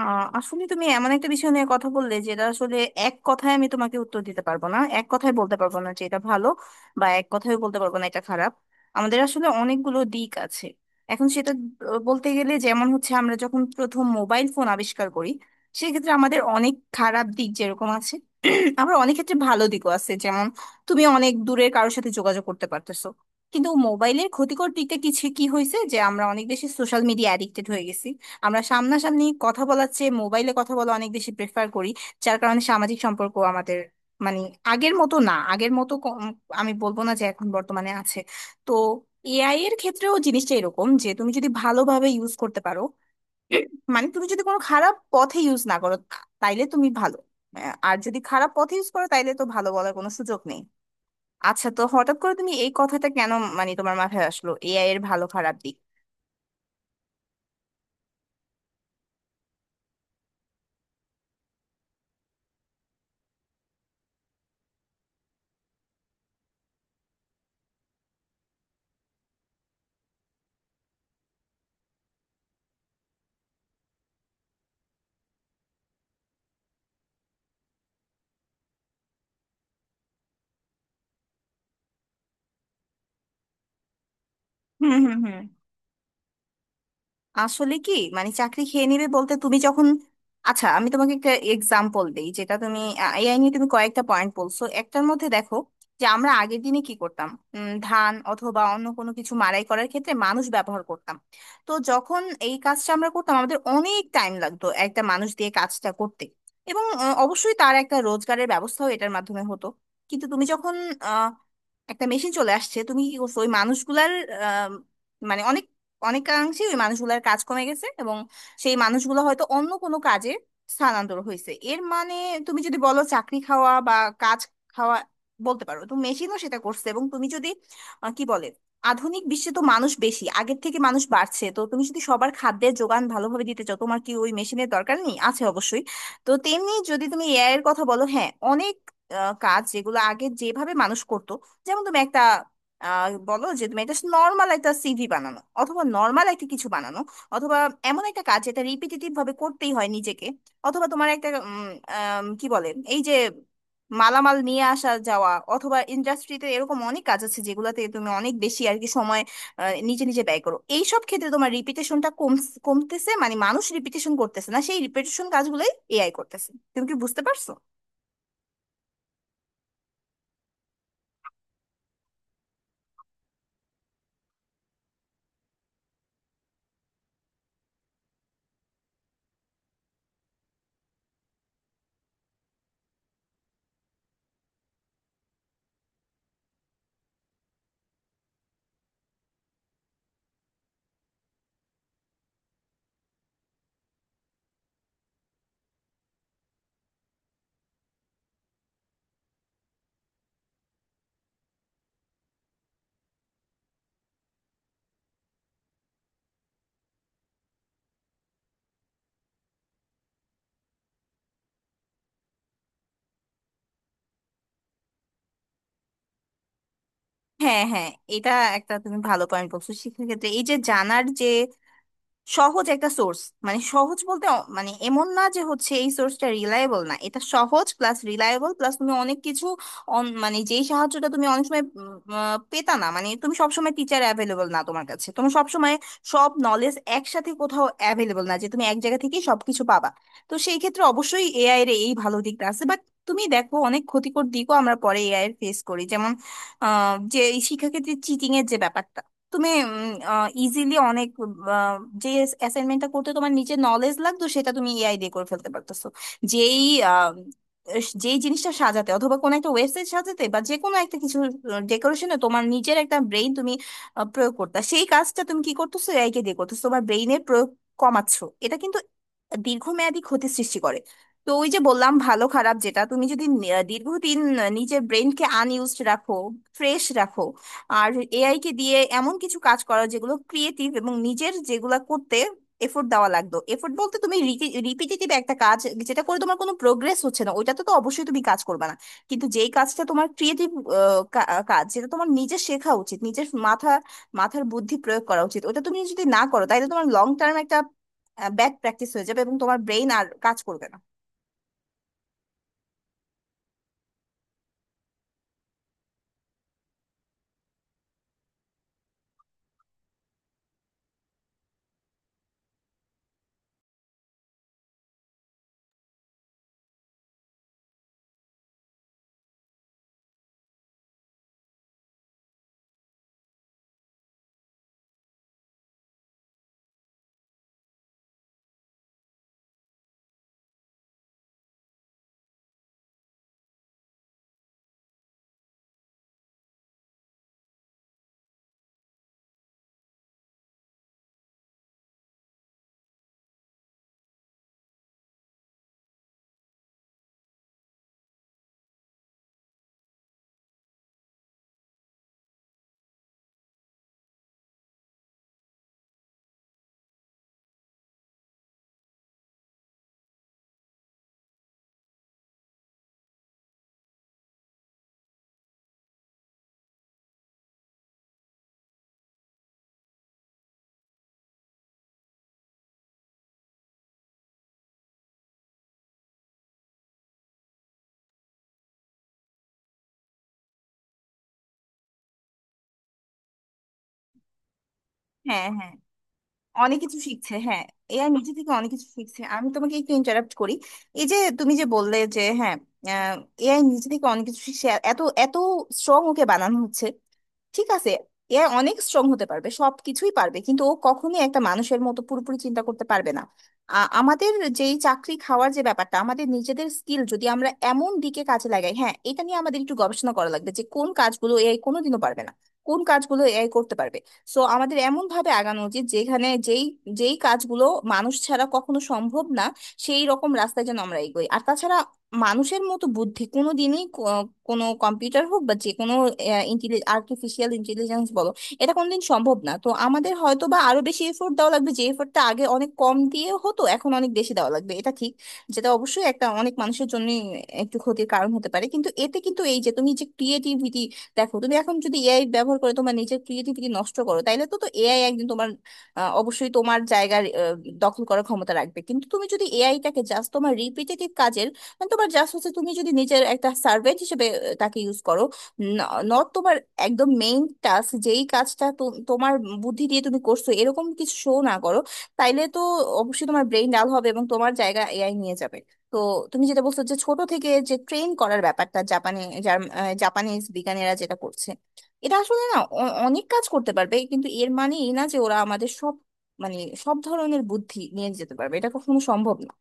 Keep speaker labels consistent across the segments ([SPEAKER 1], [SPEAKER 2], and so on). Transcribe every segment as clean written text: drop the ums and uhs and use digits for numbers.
[SPEAKER 1] আহ আসলে তুমি এমন একটা বিষয় নিয়ে কথা বললে যেটা আসলে এক কথায় আমি তোমাকে উত্তর দিতে পারবো না, এক কথায় বলতে পারবো না যে এটা ভালো বা এক কথায় বলতে পারবো না এটা খারাপ। আমাদের আসলে অনেকগুলো দিক আছে। এখন সেটা বলতে গেলে যেমন হচ্ছে আমরা যখন প্রথম মোবাইল ফোন আবিষ্কার করি, সেক্ষেত্রে আমাদের অনেক খারাপ দিক যেরকম আছে, আবার অনেক ক্ষেত্রে ভালো দিকও আছে। যেমন তুমি অনেক দূরের কারোর সাথে যোগাযোগ করতে পারতেছো, কিন্তু মোবাইলের ক্ষতিকর দিকটা কিছু কি হয়েছে যে আমরা অনেক বেশি সোশ্যাল মিডিয়া অ্যাডিক্টেড হয়ে গেছি। আমরা সামনাসামনি কথা বলার চেয়ে মোবাইলে কথা বলা অনেক বেশি প্রেফার করি, যার কারণে সামাজিক সম্পর্ক আমাদের মানে আগের মতো না, আগের মতো আমি বলবো না যে এখন বর্তমানে আছে। তো এআই এর ক্ষেত্রেও জিনিসটা এরকম যে তুমি যদি ভালোভাবে ইউজ করতে পারো, মানে তুমি যদি কোনো খারাপ পথে ইউজ না করো তাইলে তুমি ভালো। আর যদি খারাপ পথে ইউজ করো তাইলে তো ভালো বলার কোনো সুযোগ নেই। আচ্ছা, তো হঠাৎ করে তুমি এই কথাটা কেন, মানে তোমার মাথায় আসলো এআই এর ভালো খারাপ দিক? হুম, হুম, হুম। আসলে কি, মানে চাকরি খেয়ে নেবে বলতে তুমি যখন, আচ্ছা আমি তোমাকে একটা এক্সাম্পল দেই, যেটা তুমি এআই নিয়ে তুমি কয়েকটা পয়েন্ট বলছো, একটার মধ্যে দেখো যে আমরা আগের দিনে কি করতাম। ধান অথবা অন্য কোনো কিছু মাড়াই করার ক্ষেত্রে মানুষ ব্যবহার করতাম। তো যখন এই কাজটা আমরা করতাম আমাদের অনেক টাইম লাগতো একটা মানুষ দিয়ে কাজটা করতে, এবং অবশ্যই তার একটা রোজগারের ব্যবস্থাও এটার মাধ্যমে হতো। কিন্তু তুমি যখন আ, একটা মেশিন চলে আসছে তুমি কি করছো ওই মানুষগুলার, আ, মানে অনেকাংশে ওই মানুষগুলোর কাজ কমে গেছে এবং সেই মানুষগুলো হয়তো অন্য কোনো কাজে স্থানান্তর হয়েছে। এর মানে তুমি যদি বলো চাকরি খাওয়া বা কাজ খাওয়া বলতে পারো, তো মেশিনও সেটা করছে। এবং তুমি যদি আহ, কি বলে আধুনিক বিশ্বে তো মানুষ বেশি, আগের থেকে মানুষ বাড়ছে, তো তুমি যদি সবার খাদ্যের যোগান ভালোভাবে দিতে চাও তোমার কি ওই মেশিনের দরকার নেই? আছে অবশ্যই। তো তেমনি যদি তুমি এআই এর কথা বলো, হ্যাঁ অনেক কাজ যেগুলো আগে যেভাবে মানুষ করতো, যেমন তুমি একটা বলো যে তুমি এটা নর্মাল একটা সিভি বানানো অথবা নর্মাল একটা কিছু বানানো, অথবা এমন একটা কাজ যেটা রিপিটেটিভ ভাবে করতেই হয় নিজেকে, অথবা তোমার একটা উম, আম, কি বলে এই যে মালামাল নিয়ে আসা যাওয়া, অথবা ইন্ডাস্ট্রিতে এরকম অনেক কাজ আছে যেগুলোতে তুমি অনেক বেশি আর কি সময় নিজে নিজে ব্যয় করো, এইসব ক্ষেত্রে তোমার রিপিটেশনটা কমতেছে, মানে মানুষ রিপিটেশন করতেছে না, সেই রিপিটেশন কাজগুলোই এআই করতেছে। তুমি কি বুঝতে পারছো? হ্যাঁ, হ্যাঁ। এটা একটা তুমি ভালো পয়েন্ট বলছো। সেক্ষেত্রে এই যে জানার যে সহজ একটা সোর্স, মানে সহজ বলতে মানে এমন না যে হচ্ছে এই সোর্সটা রিলায়েবল না, এটা সহজ প্লাস রিলায়েবল প্লাস তুমি অনেক কিছু মানে যেই সাহায্যটা তুমি অনেক সময় পেতা না, মানে তুমি সবসময় টিচার অ্যাভেলেবল না তোমার কাছে, তোমার সবসময় সব নলেজ একসাথে কোথাও অ্যাভেলেবল না যে তুমি এক জায়গা থেকেই সবকিছু পাবা। তো সেই ক্ষেত্রে অবশ্যই এআই এর এই ভালো দিকটা আছে, বাট তুমি দেখো অনেক ক্ষতিকর দিকও আমরা পরে এআই এর ফেস করি, যেমন যে এই শিক্ষাক্ষেত্রে চিটিং এর যে ব্যাপারটা, তুমি ইজিলি অনেক আহ, যে অ্যাসাইনমেন্টটা করতে তোমার নিচে নলেজ লাগতো সেটা তুমি এআই দিয়ে করে ফেলতে পারতেছো। যেই আহ, যেই জিনিসটা সাজাতে, অথবা কোনো একটা ওয়েবসাইট সাজাতে, বা যে কোনো একটা কিছু ডেকোরেশনে তোমার নিজের একটা ব্রেইন তুমি প্রয়োগ করতে, সেই কাজটা তুমি কি করতেছো, এআই কে দিয়ে করতেছো, তোমার ব্রেইনের প্রয়োগ কমাচ্ছো। এটা কিন্তু দীর্ঘমেয়াদী ক্ষতি সৃষ্টি করে। তো ওই যে বললাম ভালো খারাপ, যেটা তুমি যদি দীর্ঘদিন নিজের ব্রেইনকে আনইউজড রাখো, ফ্রেশ রাখো, আর এআই কে দিয়ে এমন কিছু কাজ করা যেগুলো ক্রিয়েটিভ এবং নিজের যেগুলা করতে এফোর্ট দেওয়া লাগতো, এফোর্ট বলতে তুমি রিপিটেটিভ একটা কাজ যেটা করে তোমার কোনো প্রোগ্রেস হচ্ছে না ওইটাতে তো অবশ্যই তুমি কাজ করবে না, কিন্তু যেই কাজটা তোমার ক্রিয়েটিভ কাজ, যেটা তোমার নিজে শেখা উচিত, নিজের মাথার বুদ্ধি প্রয়োগ করা উচিত, ওটা তুমি যদি না করো তাহলে তোমার লং টার্ম একটা ব্যাড প্র্যাকটিস হয়ে যাবে এবং তোমার ব্রেইন আর কাজ করবে না। হ্যাঁ, হ্যাঁ, অনেক কিছু শিখছে, হ্যাঁ এআই নিজে থেকে অনেক কিছু শিখছে। আমি তোমাকে একটু ইন্টারাপ্ট করি। এই যে তুমি যে বললে যে হ্যাঁ এআই নিজে থেকে অনেক কিছু শিখছে, এত এত স্ট্রং ওকে বানানো হচ্ছে, ঠিক আছে, এ অনেক স্ট্রং হতে পারবে, সবকিছুই পারবে, কিন্তু ও কখনোই একটা মানুষের মতো পুরোপুরি চিন্তা করতে পারবে না। আমাদের যেই চাকরি খাওয়ার যে ব্যাপারটা, আমাদের নিজেদের স্কিল যদি আমরা এমন দিকে কাজে লাগাই, হ্যাঁ এটা নিয়ে আমাদের একটু গবেষণা করা লাগবে যে কোন কাজগুলো এআই কোনোদিনও পারবে না, কোন কাজগুলো এআই করতে পারবে। সো আমাদের এমন ভাবে আগানো উচিত যেখানে যেই যেই কাজগুলো মানুষ ছাড়া কখনো সম্ভব না সেই রকম রাস্তায় যেন আমরা এগোই। আর তাছাড়া মানুষের মতো বুদ্ধি কোনো দিনই কোনো কম্পিউটার হোক বা যে কোনো আর্টিফিশিয়াল ইন্টেলিজেন্স বলো, এটা কোনোদিন সম্ভব না। তো আমাদের হয়তো বা আরো বেশি এফোর্ট দেওয়া লাগবে, যে এফোর্টটা আগে অনেক কম দিয়ে হতো এখন অনেক বেশি দেওয়া লাগবে, এটা ঠিক। যেটা অবশ্যই একটা অনেক মানুষের জন্য একটু ক্ষতির কারণ হতে পারে, কিন্তু এতে কিন্তু এই যে তুমি যে ক্রিয়েটিভিটি, দেখো তুমি এখন যদি এআই ব্যবহার করে তোমার নিজের ক্রিয়েটিভিটি নষ্ট করো তাইলে তো তো এআই একদিন তোমার অবশ্যই তোমার জায়গার দখল করার ক্ষমতা রাখবে। কিন্তু তুমি যদি এআইটাকে জাস্ট তোমার রিপিটেটিভ কাজের মানে তোমার জাস্ট হচ্ছে, তুমি যদি নিজের একটা সার্ভেন্ট হিসেবে তাকে ইউজ করো, নট তোমার একদম মেইন টাস্ক, যেই কাজটা তোমার বুদ্ধি দিয়ে তুমি করছো এরকম কিছু শো না করো, তাইলে তো অবশ্যই তোমার ব্রেইন ডাল হবে এবং তোমার জায়গা এআই নিয়ে যাবে। তো তুমি যেটা বলছো যে ছোট থেকে যে ট্রেন করার ব্যাপারটা জাপানে, জাপানিজ বিজ্ঞানীরা যেটা করছে, এটা আসলে না অনেক কাজ করতে পারবে, কিন্তু এর মানে এই না যে ওরা আমাদের সব, মানে সব ধরনের বুদ্ধি নিয়ে যেতে পারবে, এটা কখনো সম্ভব না।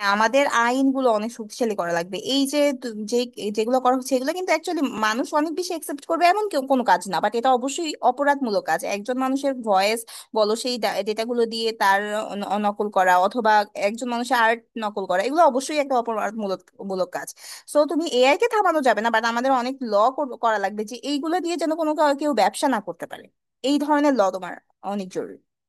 [SPEAKER 1] হ্যাঁ, আমাদের আইনগুলো অনেক শক্তিশালী করা লাগবে। এই যে যে যেগুলো করা হচ্ছে, এগুলো কিন্তু অ্যাকচুয়ালি মানুষ অনেক বেশি একসেপ্ট করবে এমন কোনো কাজ না, বাট এটা অবশ্যই অপরাধমূলক কাজ। একজন মানুষের ভয়েস বলো, সেই ডেটাগুলো দিয়ে তার নকল করা, অথবা একজন মানুষের আর্ট নকল করা, এগুলো অবশ্যই একটা মূলক কাজ। সো তুমি এআই কে থামানো যাবে না, বাট আমাদের অনেক ল করা লাগবে যে এইগুলো দিয়ে যেন কেউ ব্যবসা না করতে পারে। এই ধরনের ল তোমার অনেক জরুরি।